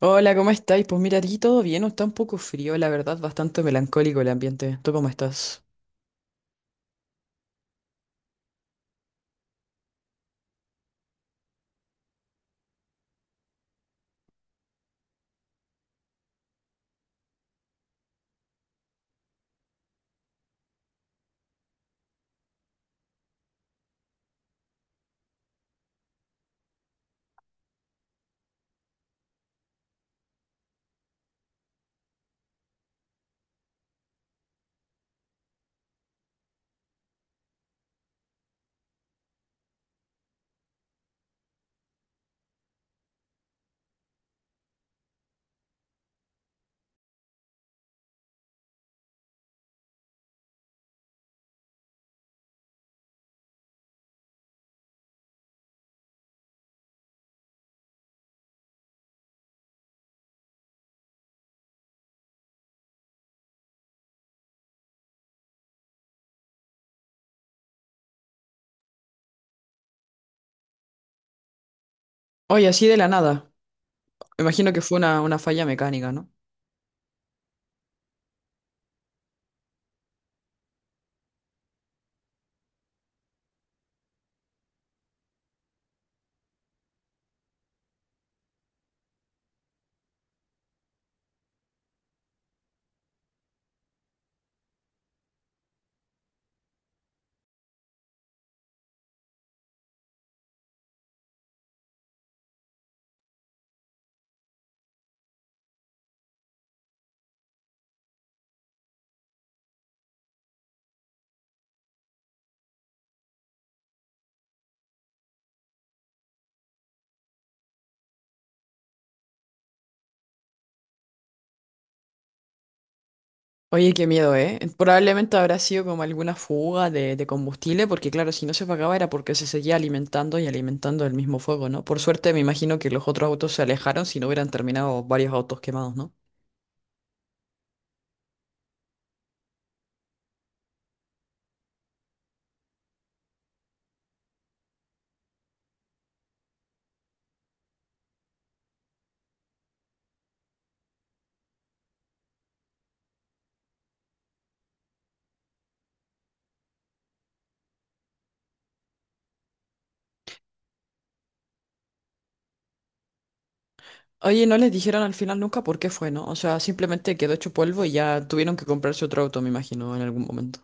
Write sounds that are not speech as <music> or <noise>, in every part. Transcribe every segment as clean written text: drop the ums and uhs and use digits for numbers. Hola, ¿cómo estáis? Pues mira, aquí todo bien, está un poco frío, la verdad, bastante melancólico el ambiente. ¿Tú cómo estás? Oye, así de la nada. Me imagino que fue una falla mecánica, ¿no? Oye, qué miedo, ¿eh? Probablemente habrá sido como alguna fuga de combustible, porque claro, si no se apagaba era porque se seguía alimentando y alimentando el mismo fuego, ¿no? Por suerte me imagino que los otros autos se alejaron si no hubieran terminado varios autos quemados, ¿no? Oye, no les dijeron al final nunca por qué fue, ¿no? O sea, simplemente quedó hecho polvo y ya tuvieron que comprarse otro auto, me imagino, en algún momento.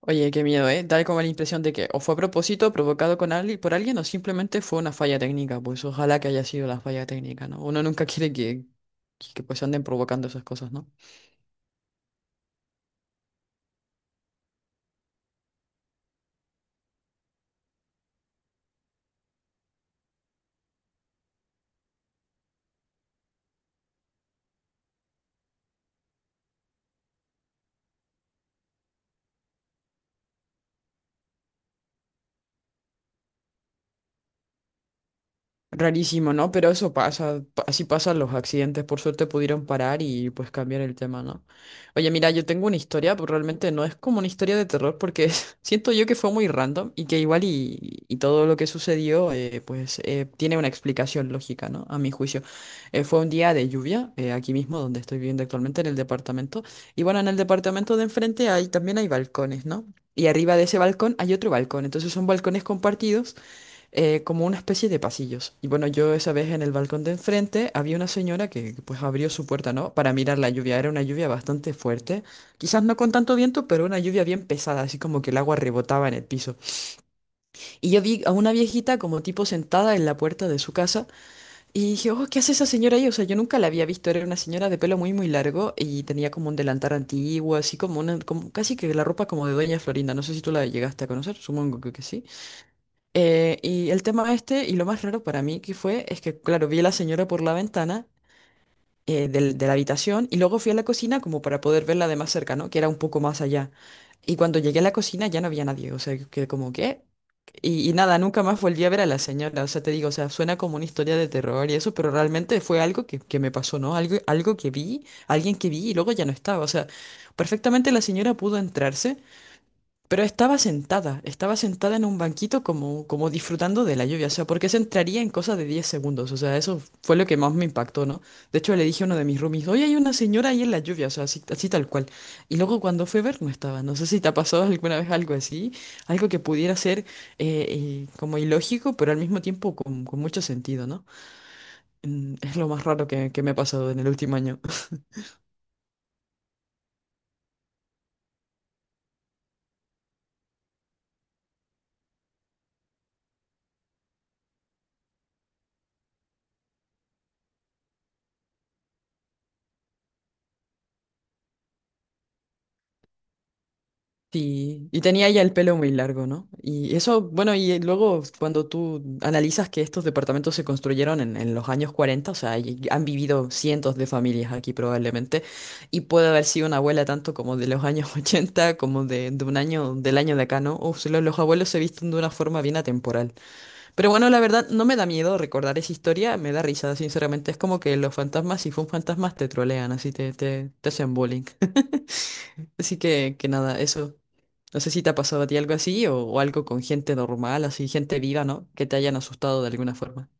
Oye, qué miedo, ¿eh? Dar como la impresión de que o fue a propósito, provocado con alguien, por alguien, o simplemente fue una falla técnica. Pues ojalá que haya sido la falla técnica, ¿no? Uno nunca <laughs> quiere que pues anden provocando esas cosas, ¿no? Rarísimo, ¿no? Pero eso pasa, así pasan los accidentes, por suerte pudieron parar y pues cambiar el tema, ¿no? Oye, mira, yo tengo una historia, pero realmente no es como una historia de terror porque <laughs> siento yo que fue muy random y que igual y todo lo que sucedió pues tiene una explicación lógica, ¿no? A mi juicio. Fue un día de lluvia, aquí mismo donde estoy viviendo actualmente en el departamento y bueno, en el departamento de enfrente hay, también hay balcones, ¿no? Y arriba de ese balcón hay otro balcón, entonces son balcones compartidos como una especie de pasillos. Y bueno, yo esa vez en el balcón de enfrente había una señora que pues abrió su puerta, ¿no? Para mirar la lluvia. Era una lluvia bastante fuerte. Quizás no con tanto viento, pero una lluvia bien pesada, así como que el agua rebotaba en el piso. Y yo vi a una viejita como tipo sentada en la puerta de su casa y dije, oh, ¿qué hace esa señora ahí? O sea, yo nunca la había visto. Era una señora de pelo muy, muy largo y tenía como un delantal antiguo, así como una, como casi que la ropa como de Doña Florinda. No sé si tú la llegaste a conocer, supongo que sí. Y el tema este, y lo más raro para mí que fue, es que, claro, vi a la señora por la ventana de la habitación y luego fui a la cocina como para poder verla de más cerca, ¿no? Que era un poco más allá. Y cuando llegué a la cocina ya no había nadie, o sea, que como que... Y nada, nunca más volví a ver a la señora, o sea, te digo, o sea, suena como una historia de terror y eso, pero realmente fue algo que me pasó, ¿no? Algo, algo que vi, alguien que vi y luego ya no estaba, o sea, perfectamente la señora pudo entrarse. Pero estaba sentada en un banquito como, como disfrutando de la lluvia, o sea, porque se entraría en cosa de 10 segundos, o sea, eso fue lo que más me impactó, ¿no? De hecho, le dije a uno de mis roomies, oye, hay una señora ahí en la lluvia, o sea, así, así tal cual. Y luego cuando fue a ver, no estaba, no sé si te ha pasado alguna vez algo así, algo que pudiera ser como ilógico, pero al mismo tiempo con mucho sentido, ¿no? Es lo más raro que me ha pasado en el último año. Sí, y tenía ya el pelo muy largo, ¿no? Y eso, bueno, y luego cuando tú analizas que estos departamentos se construyeron en los años 40, o sea, y han vivido cientos de familias aquí probablemente, y puede haber sido una abuela tanto como de los años <laughs> 80, como de un año, del año de acá, ¿no? O sea, los abuelos se visten de una forma bien atemporal. Pero bueno, la verdad, no me da miedo recordar esa historia, me da risa, sinceramente. Es como que los fantasmas, si fue un fantasma, te trolean, así te hacen bullying. <laughs> Así que nada, eso. No sé si te ha pasado a ti algo así o algo con gente normal, así, gente viva, ¿no? Que te hayan asustado de alguna forma.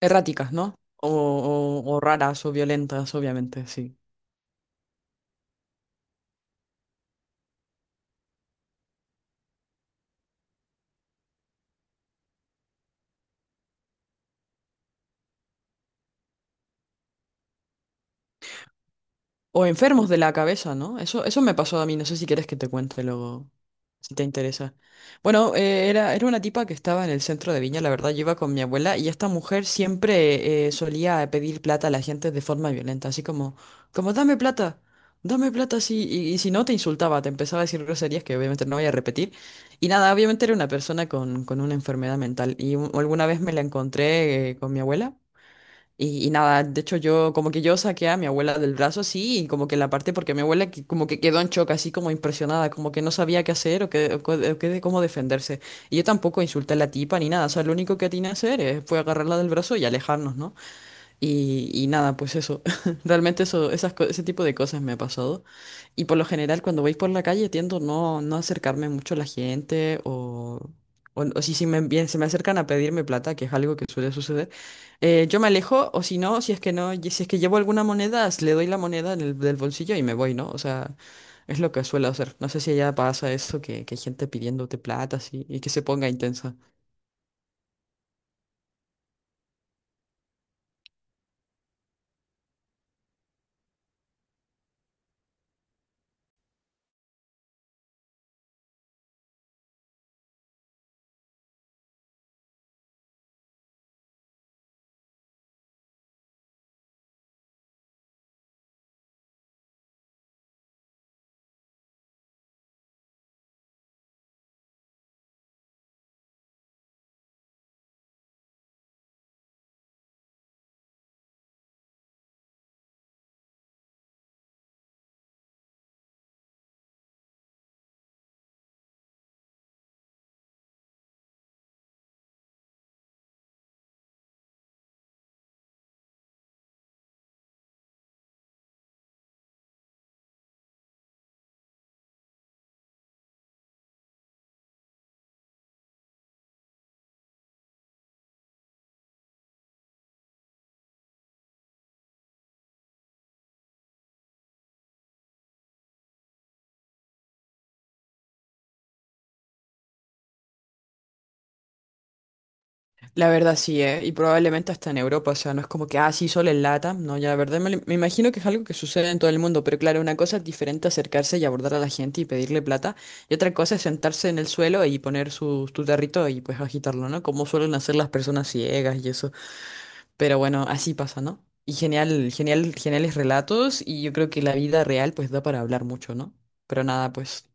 Erráticas, ¿no? O, o raras o violentas, obviamente, sí. O enfermos de la cabeza, ¿no? Eso me pasó a mí, no sé si quieres que te cuente luego, si te interesa. Bueno, era una tipa que estaba en el centro de Viña, la verdad, yo iba con mi abuela y esta mujer siempre solía pedir plata a la gente de forma violenta, así como, como dame plata, sí, y si no te insultaba, te empezaba a decir groserías que obviamente no voy a repetir. Y nada, obviamente era una persona con una enfermedad mental y alguna vez me la encontré con mi abuela. Y nada, de hecho yo como que yo saqué a mi abuela del brazo así y como que la parte porque mi abuela como que quedó en shock así como impresionada, como que no sabía qué hacer o qué, o qué de cómo defenderse. Y yo tampoco insulté a la tipa ni nada, o sea, lo único que tenía que hacer fue agarrarla del brazo y alejarnos, ¿no? Y nada, pues eso. <laughs> Realmente eso, ese tipo de cosas me ha pasado. Y por lo general, cuando voy por la calle, tiendo no acercarme mucho a la gente o, o si, si me, bien, se me acercan a pedirme plata, que es algo que suele suceder, yo me alejo o si no, si es que no, y si es que llevo alguna moneda, le doy la moneda en el, del bolsillo y me voy, ¿no? O sea, es lo que suelo hacer. No sé si allá pasa eso, que hay gente pidiéndote plata así, y que se ponga intensa. La verdad sí, ¿eh? Y probablemente hasta en Europa, o sea, no es como que, ah, sí, solo en LATAM, no, ya la verdad me, me imagino que es algo que sucede en todo el mundo, pero claro, una cosa es diferente acercarse y abordar a la gente y pedirle plata, y otra cosa es sentarse en el suelo y poner su, tu tarrito y pues agitarlo, ¿no? Como suelen hacer las personas ciegas y eso, pero bueno, así pasa, ¿no? Y genial, genial, geniales relatos, y yo creo que la vida real pues da para hablar mucho, ¿no? Pero nada, pues,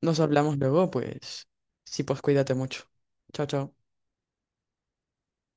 nos hablamos luego, pues, sí, pues cuídate mucho. Chao, chao.